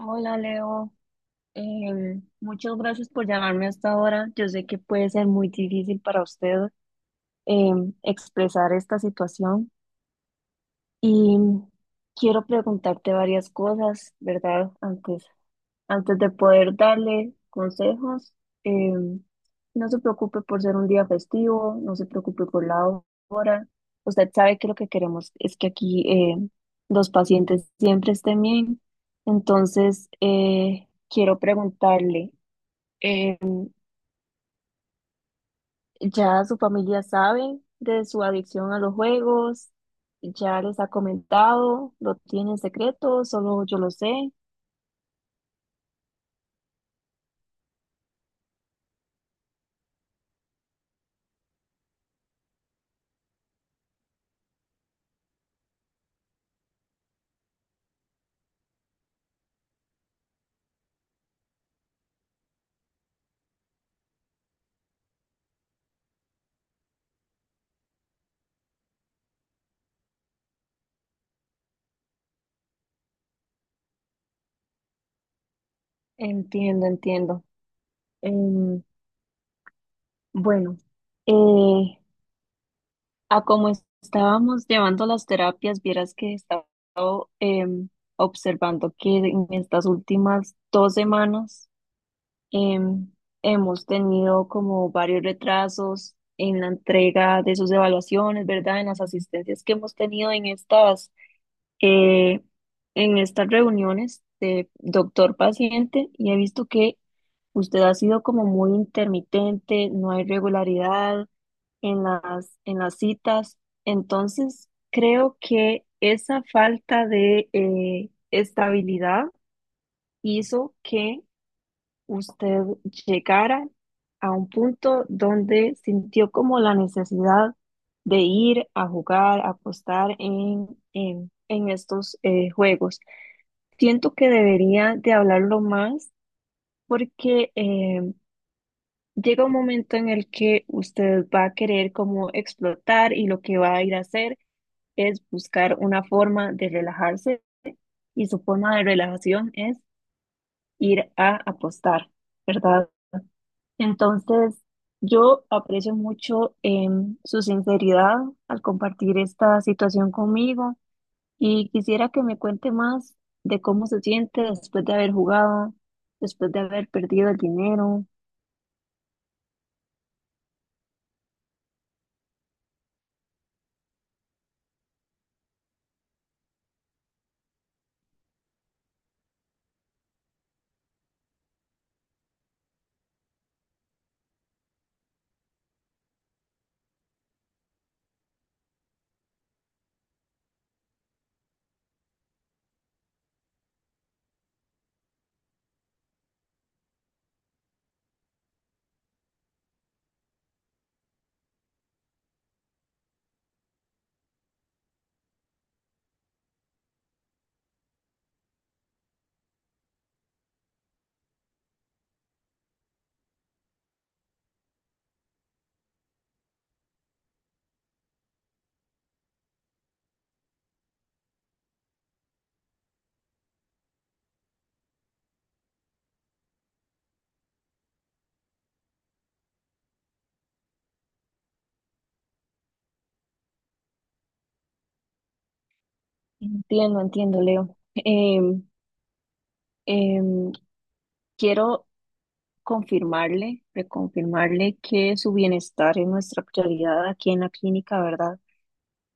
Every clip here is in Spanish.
Hola Leo, muchas gracias por llamarme hasta ahora. Yo sé que puede ser muy difícil para usted expresar esta situación y quiero preguntarte varias cosas, ¿verdad? Antes de poder darle consejos, eh, no se preocupe por ser un día festivo, no se preocupe por la hora. Usted sabe que lo que queremos es que aquí los pacientes siempre estén bien. Entonces, quiero preguntarle, eh, ¿ya su familia sabe de su adicción a los juegos? ¿Ya les ha comentado? ¿Lo tiene en secreto? ¿Solo yo lo sé? Entiendo, entiendo. Em, Bueno, eh, a como estábamos llevando las terapias, vieras que he estado observando que en estas últimas 2 semanas em, hemos tenido como varios retrasos en la entrega de sus evaluaciones, ¿verdad? En las asistencias que hemos tenido eh, en estas reuniones de doctor-paciente y he visto que usted ha sido como muy intermitente, no hay regularidad en las citas. Entonces, creo que esa falta de estabilidad hizo que usted llegara a un punto donde sintió como la necesidad de ir a jugar, a apostar en estos juegos. Siento que debería de hablarlo más porque llega un momento en el que usted va a querer como explotar y lo que va a ir a hacer es buscar una forma de relajarse y su forma de relajación es ir a apostar, ¿verdad? Entonces, yo aprecio mucho su sinceridad al compartir esta situación conmigo y quisiera que me cuente más de cómo se siente después de haber jugado, después de haber perdido el dinero. Entiendo, entiendo, Leo. Em, em, quiero confirmarle, reconfirmarle que su bienestar es nuestra prioridad aquí en la clínica, ¿verdad?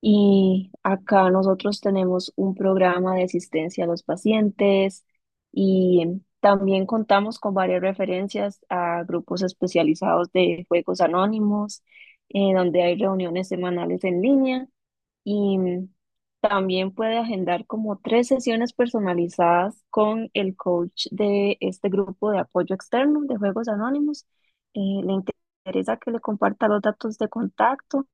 Y acá nosotros tenemos un programa de asistencia a los pacientes y también contamos con varias referencias a grupos especializados de juegos anónimos, donde hay reuniones semanales en línea y también puede agendar como 3 sesiones personalizadas con el coach de este grupo de apoyo externo de Juegos Anónimos. Le interesa que le comparta los datos de contacto.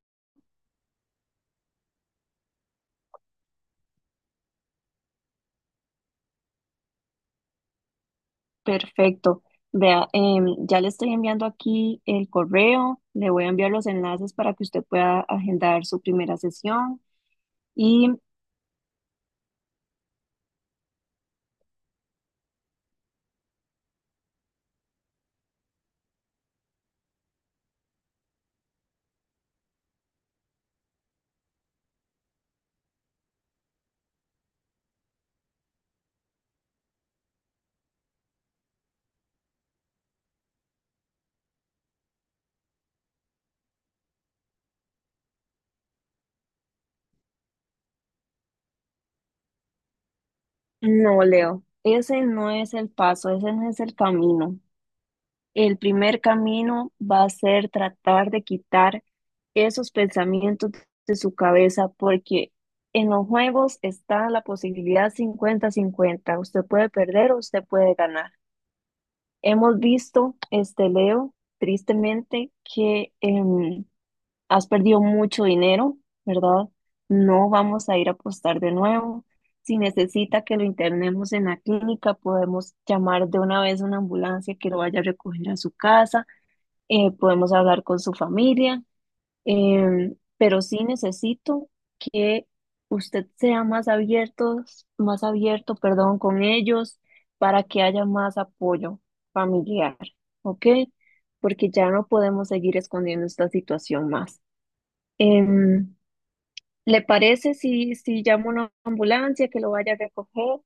Perfecto. Vea, ya le estoy enviando aquí el correo, le voy a enviar los enlaces para que usted pueda agendar su primera sesión. Y no, Leo, ese no es el paso, ese no es el camino. El primer camino va a ser tratar de quitar esos pensamientos de su cabeza, porque en los juegos está la posibilidad 50/50. Usted puede perder o usted puede ganar. Hemos visto, este Leo, tristemente, que has perdido mucho dinero, ¿verdad? No vamos a ir a apostar de nuevo. Si necesita que lo internemos en la clínica, podemos llamar de una vez una ambulancia que lo vaya a recoger a su casa, podemos hablar con su familia, pero sí necesito que usted sea más abierto, perdón, con ellos para que haya más apoyo familiar, ¿ok? Porque ya no podemos seguir escondiendo esta situación más. Em, ¿Le parece si, si llamo a una ambulancia que lo vaya a recoger?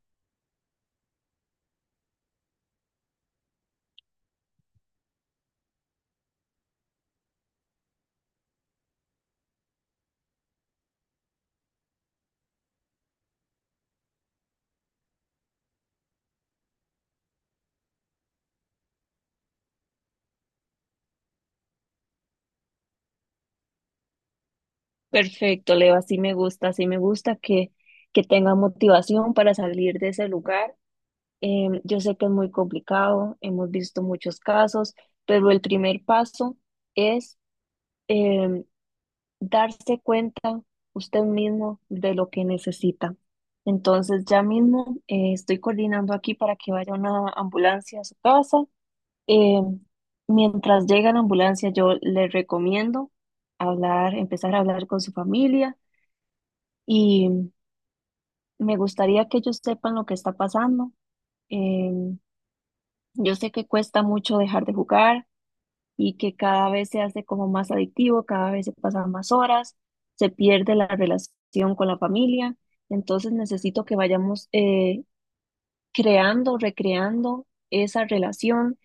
Perfecto, Leo, así me gusta que tenga motivación para salir de ese lugar. Yo sé que es muy complicado, hemos visto muchos casos, pero el primer paso es em, darse cuenta usted mismo de lo que necesita. Entonces, ya mismo estoy coordinando aquí para que vaya una ambulancia a su casa. Em, mientras llega la ambulancia, yo le recomiendo hablar, empezar a hablar con su familia y me gustaría que ellos sepan lo que está pasando. Em, Yo sé que cuesta mucho dejar de jugar y que cada vez se hace como más adictivo, cada vez se pasan más horas, se pierde la relación con la familia. Entonces necesito que vayamos creando, recreando esa relación,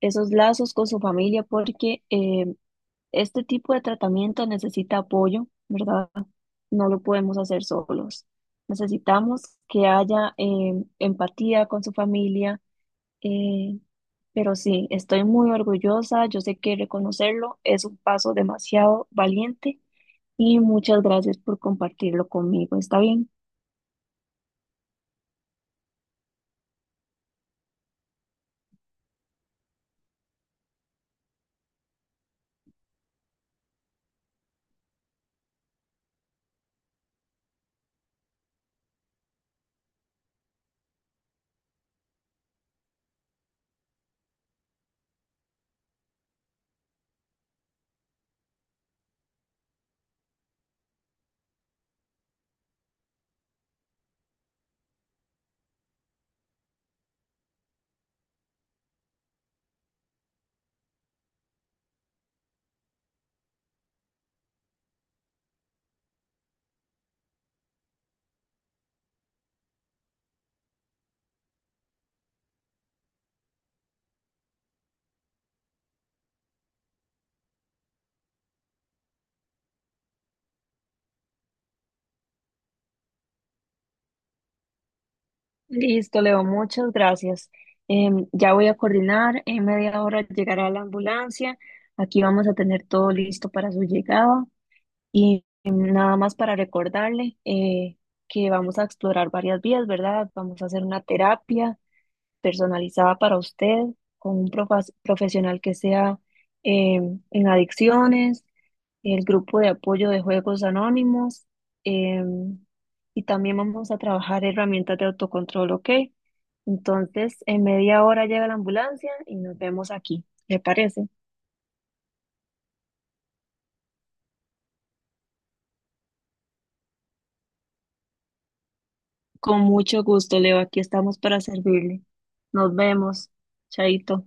esos lazos con su familia, porque este tipo de tratamiento necesita apoyo, ¿verdad? No lo podemos hacer solos. Necesitamos que haya empatía con su familia, eh, pero sí, estoy muy orgullosa, yo sé que reconocerlo es un paso demasiado valiente y muchas gracias por compartirlo conmigo, ¿está bien? Listo, Leo, muchas gracias. Ya voy a coordinar, en media hora llegará la ambulancia, aquí vamos a tener todo listo para su llegada y nada más para recordarle que vamos a explorar varias vías, ¿verdad? Vamos a hacer una terapia personalizada para usted, con un profesional que sea eh, en adicciones, el grupo de apoyo de juegos anónimos, eh, y también vamos a trabajar herramientas de autocontrol, ¿ok? Entonces, en media hora llega la ambulancia y nos vemos aquí, ¿le parece? Con mucho gusto, Leo, aquí estamos para servirle. Nos vemos, Chaito.